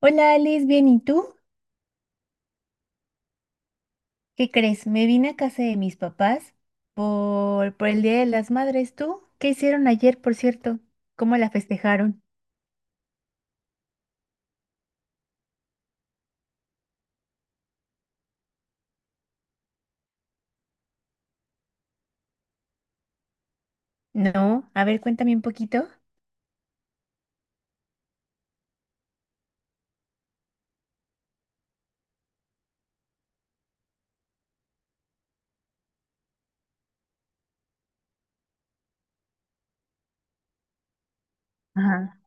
Hola Alice, bien, ¿y tú? ¿Qué crees? Me vine a casa de mis papás por el Día de las Madres. ¿Tú? ¿Qué hicieron ayer, por cierto? ¿Cómo la festejaron? No, a ver, cuéntame un poquito. Ajá.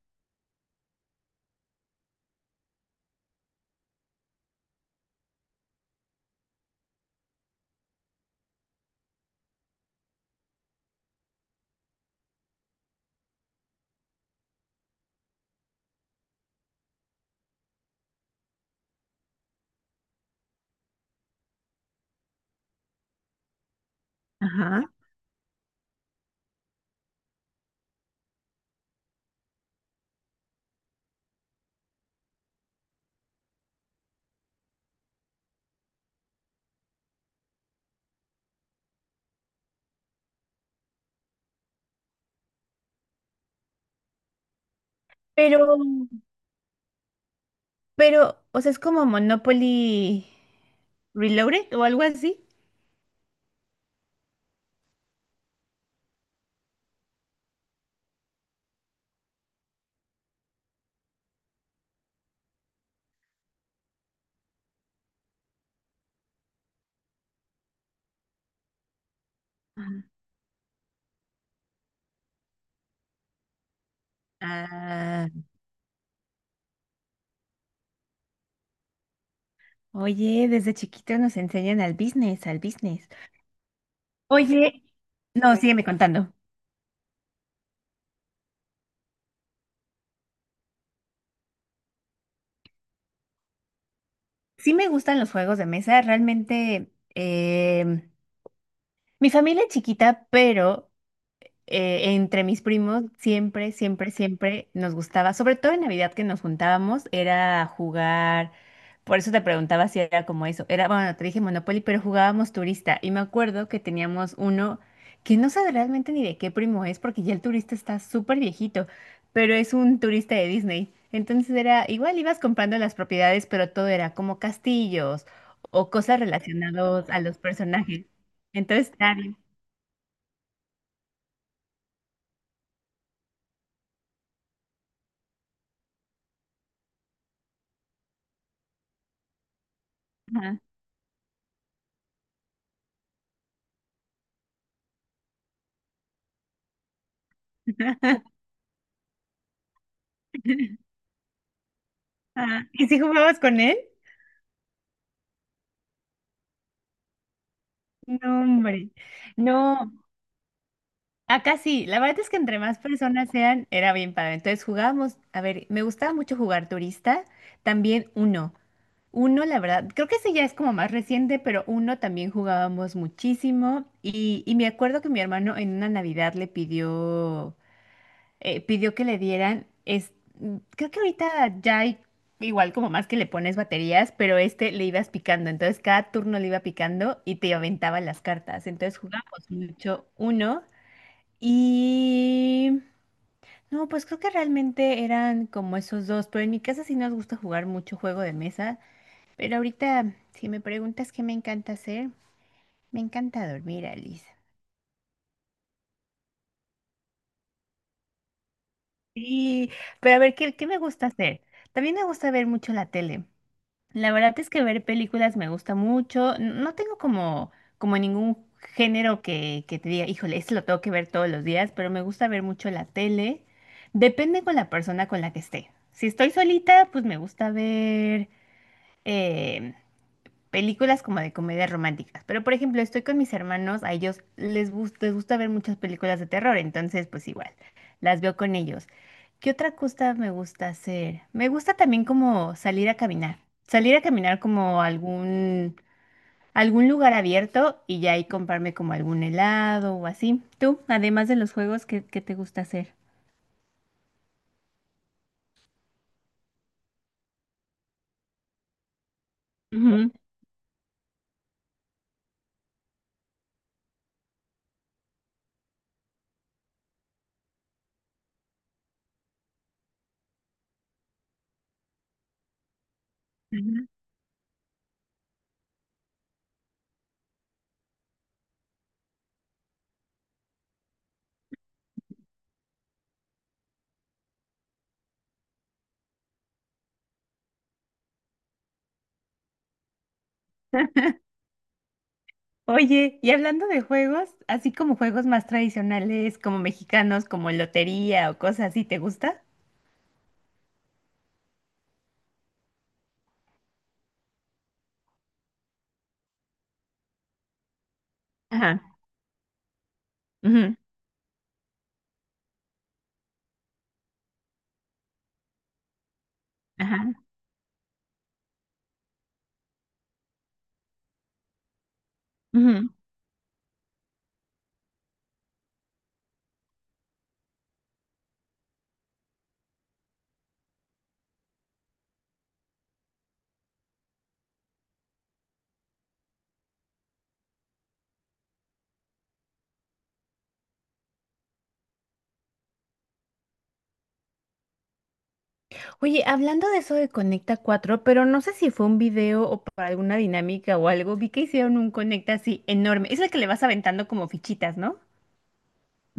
Ah, Pero, pero o sea, es como Monopoly Reloaded o algo así. Ajá. Ah, oye, desde chiquito nos enseñan al business, al business. Oye, no, sígueme contando. Sí me gustan los juegos de mesa, realmente em, mi familia es chiquita, pero entre mis primos siempre, siempre, siempre nos gustaba, sobre todo en Navidad que nos juntábamos, era jugar. Por eso te preguntaba si era como eso. Era, bueno, te dije Monopoly, pero jugábamos turista. Y me acuerdo que teníamos uno que no sé realmente ni de qué primo es, porque ya el turista está súper viejito, pero es un turista de Disney. Entonces era, igual ibas comprando las propiedades, pero todo era como castillos o cosas relacionadas a los personajes. Entonces, está. Ajá. Ah, ¿y si jugabas con él? No, hombre. No, acá sí. La verdad es que entre más personas sean, era bien padre. Entonces jugábamos, a ver, me gustaba mucho jugar turista, también uno. Uno, la verdad, creo que ese ya es como más reciente, pero uno también jugábamos muchísimo. Y me acuerdo que mi hermano en una Navidad le pidió. Pidió que le dieran, es, creo que ahorita ya hay igual como más que le pones baterías, pero este le ibas picando, entonces cada turno le iba picando y te aventaba las cartas, entonces jugamos mucho uno y... No, pues creo que realmente eran como esos dos, pero en mi casa sí nos gusta jugar mucho juego de mesa, pero ahorita si me preguntas qué me encanta hacer, me encanta dormir, Alice. Sí, pero a ver, ¿qué me gusta hacer? También me gusta ver mucho la tele. La verdad es que ver películas me gusta mucho. N- No tengo como, como ningún género que te diga, híjole, esto lo tengo que ver todos los días, pero me gusta ver mucho la tele. Depende con la persona con la que esté. Si estoy solita, pues me gusta ver, em, películas como de comedias románticas. Pero, por ejemplo, estoy con mis hermanos, a ellos les gusta ver muchas películas de terror, entonces, pues igual, las veo con ellos. ¿Qué otra cosa me gusta hacer? Me gusta también como salir a caminar. Salir a caminar como a algún, algún lugar abierto y ya ahí comprarme como algún helado o así. Tú, además de los juegos, ¿qué te gusta hacer? Ujú. Oye, y hablando de juegos, así como juegos más tradicionales, como mexicanos, como lotería o cosas así, ¿te gusta? Ajá, ujú, ajá, ujú. Oye, hablando de eso de Conecta cuatro, pero no sé si fue un video o para alguna dinámica o algo, vi que hicieron un Conecta así enorme. Es el que le vas aventando como fichitas, ¿no?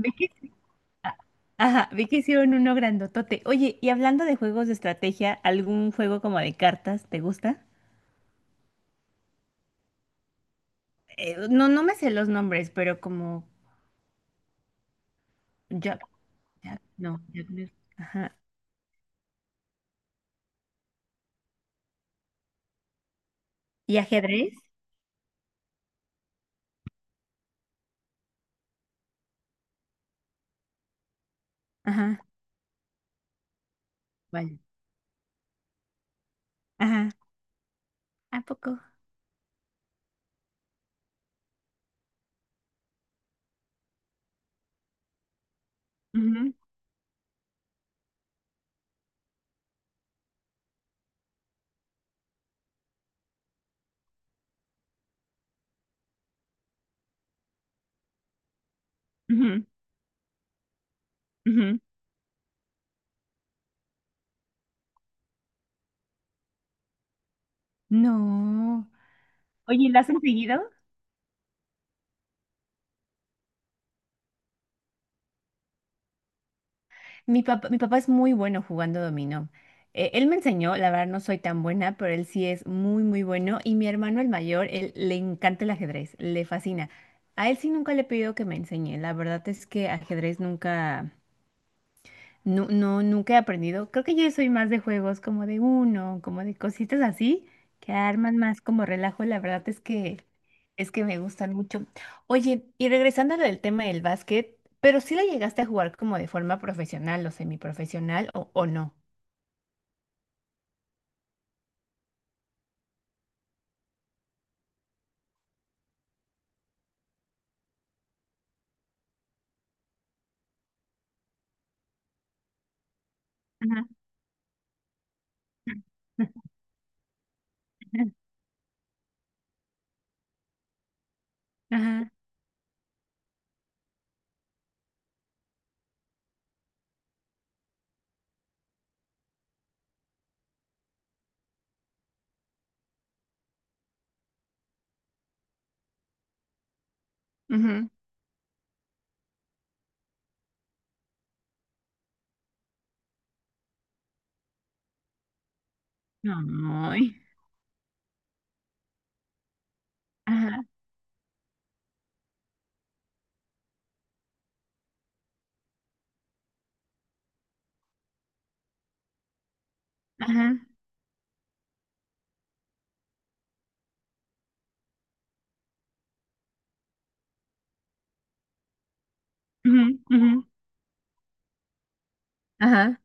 Ve que- Ah, ajá, vi que hicieron uno grandotote. Oye, y hablando de juegos de estrategia, ¿algún juego como de cartas te gusta? No, no me sé los nombres, pero como yo, ya- No, ya con el- Ajá. ¿Y ajedrez? Ajá, vale. Ajá. ¿A poco? Ujú, ujú, ujú. No. Oye, ¿la has conseguido? Mi papá es muy bueno jugando dominó. Él me enseñó, la verdad no soy tan buena, pero él sí es muy, muy bueno. Y mi hermano el mayor, él le encanta el ajedrez, le fascina. A él sí nunca le he pedido que me enseñe. La verdad es que ajedrez nunca, no, no, nunca he aprendido. Creo que yo soy más de juegos como de uno, como de cositas así, que arman más como relajo. La verdad es que me gustan mucho. Oye, y regresando al tema del básquet, pero sí la llegaste a jugar como de forma profesional o semiprofesional o no. Ajá, ajá, ujú. Ay, ajá, ajá, ujú, ujú, ajá,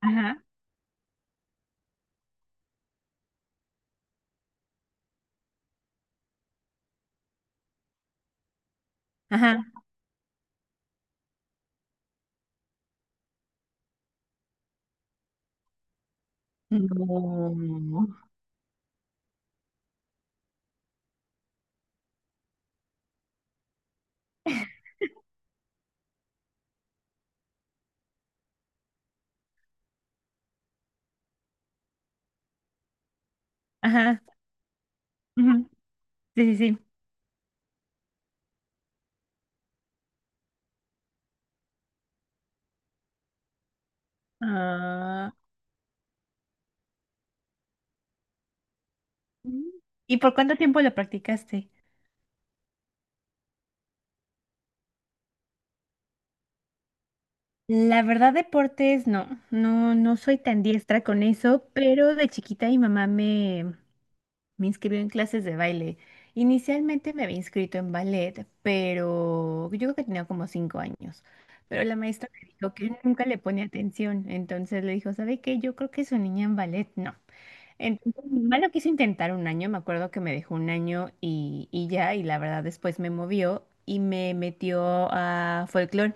ajá, ajá. No. Ajá. Ujú, sí, sí, sí. Ah. Mm. ¿Y por cuánto tiempo lo practicaste? La verdad, deportes, no, no, no soy tan diestra con eso, pero de chiquita me inscribió en clases de baile. Inicialmente me había inscrito en ballet, pero yo creo que tenía como 5 años. Pero la maestra me dijo que nunca le ponía atención, entonces le dijo, ¿sabe qué? Yo creo que su niña en ballet no. Entonces, mi mamá lo quiso intentar un año, me acuerdo que me dejó un año y ya, y la verdad después me movió y me metió a folclore.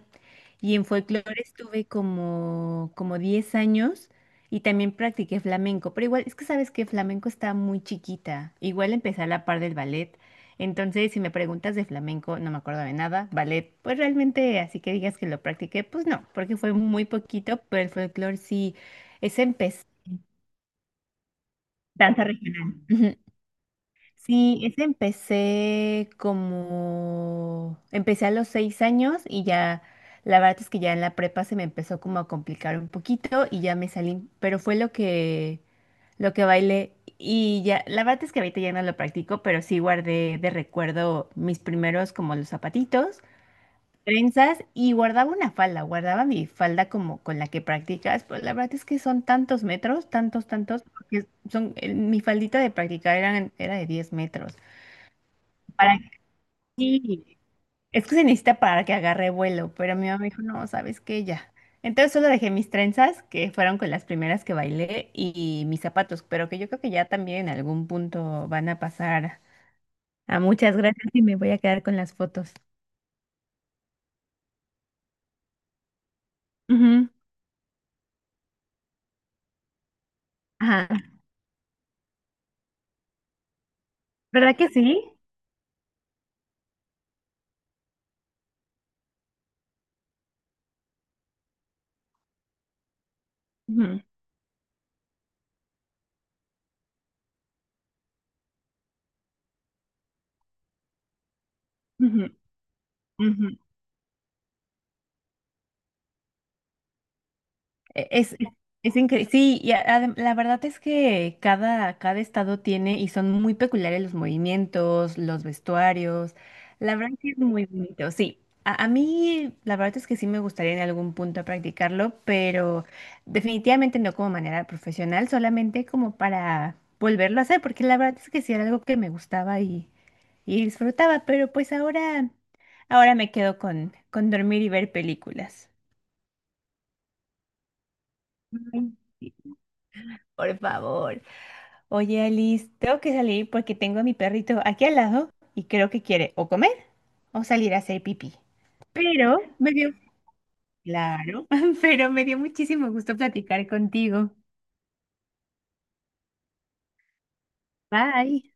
Y en folclore estuve como, como 10 años y también practiqué flamenco, pero igual es que sabes que flamenco está muy chiquita, igual empecé a la par del ballet. Entonces, si me preguntas de flamenco, no me acuerdo de nada. Ballet, pues realmente, así que digas que lo practiqué, pues no, porque fue muy poquito, pero el folclore sí es empezar. Danza regional. Ujú. Sí, ese empecé como, empecé a los 6 años y ya, la verdad es que ya en la prepa se me empezó como a complicar un poquito y ya me salí, pero fue lo que bailé y ya, la verdad es que ahorita ya no lo practico, pero sí guardé de recuerdo mis primeros como los zapatitos, trenzas y guardaba una falda, guardaba mi falda como con la que practicas, pues la verdad es que son tantos metros, tantos, tantos, porque son, el- mi faldita de practicar eran, era de 10 metros. Para sí, es que se necesita para que agarre vuelo, pero mi mamá me dijo, no, ¿sabes qué? Ya. Entonces solo dejé mis trenzas, que fueron con las primeras que bailé, y mis zapatos, pero que yo creo que ya también en algún punto van a pasar a muchas gracias y me voy a quedar con las fotos. Ujú, ajá. ¿Verdad que sí? Ujú, ujú, ujú. E- es increíble. Sí, y a- adem- la verdad es que cada, cada estado tiene y son muy peculiares los movimientos, los vestuarios. La verdad que es muy bonito. Sí, a mí la verdad es que sí me gustaría en algún punto practicarlo, pero definitivamente no como manera profesional, solamente como para volverlo a hacer, porque la verdad es que sí era algo que me gustaba y disfrutaba, pero pues ahora, ahora me quedo con dormir y ver películas. Ay, sí, por favor. Oye, Alice, tengo que salir porque tengo a mi perrito aquí al lado y creo que quiere o comer o salir a hacer pipí. Pero me dio, claro, pero me dio muchísimo gusto platicar contigo. Bye.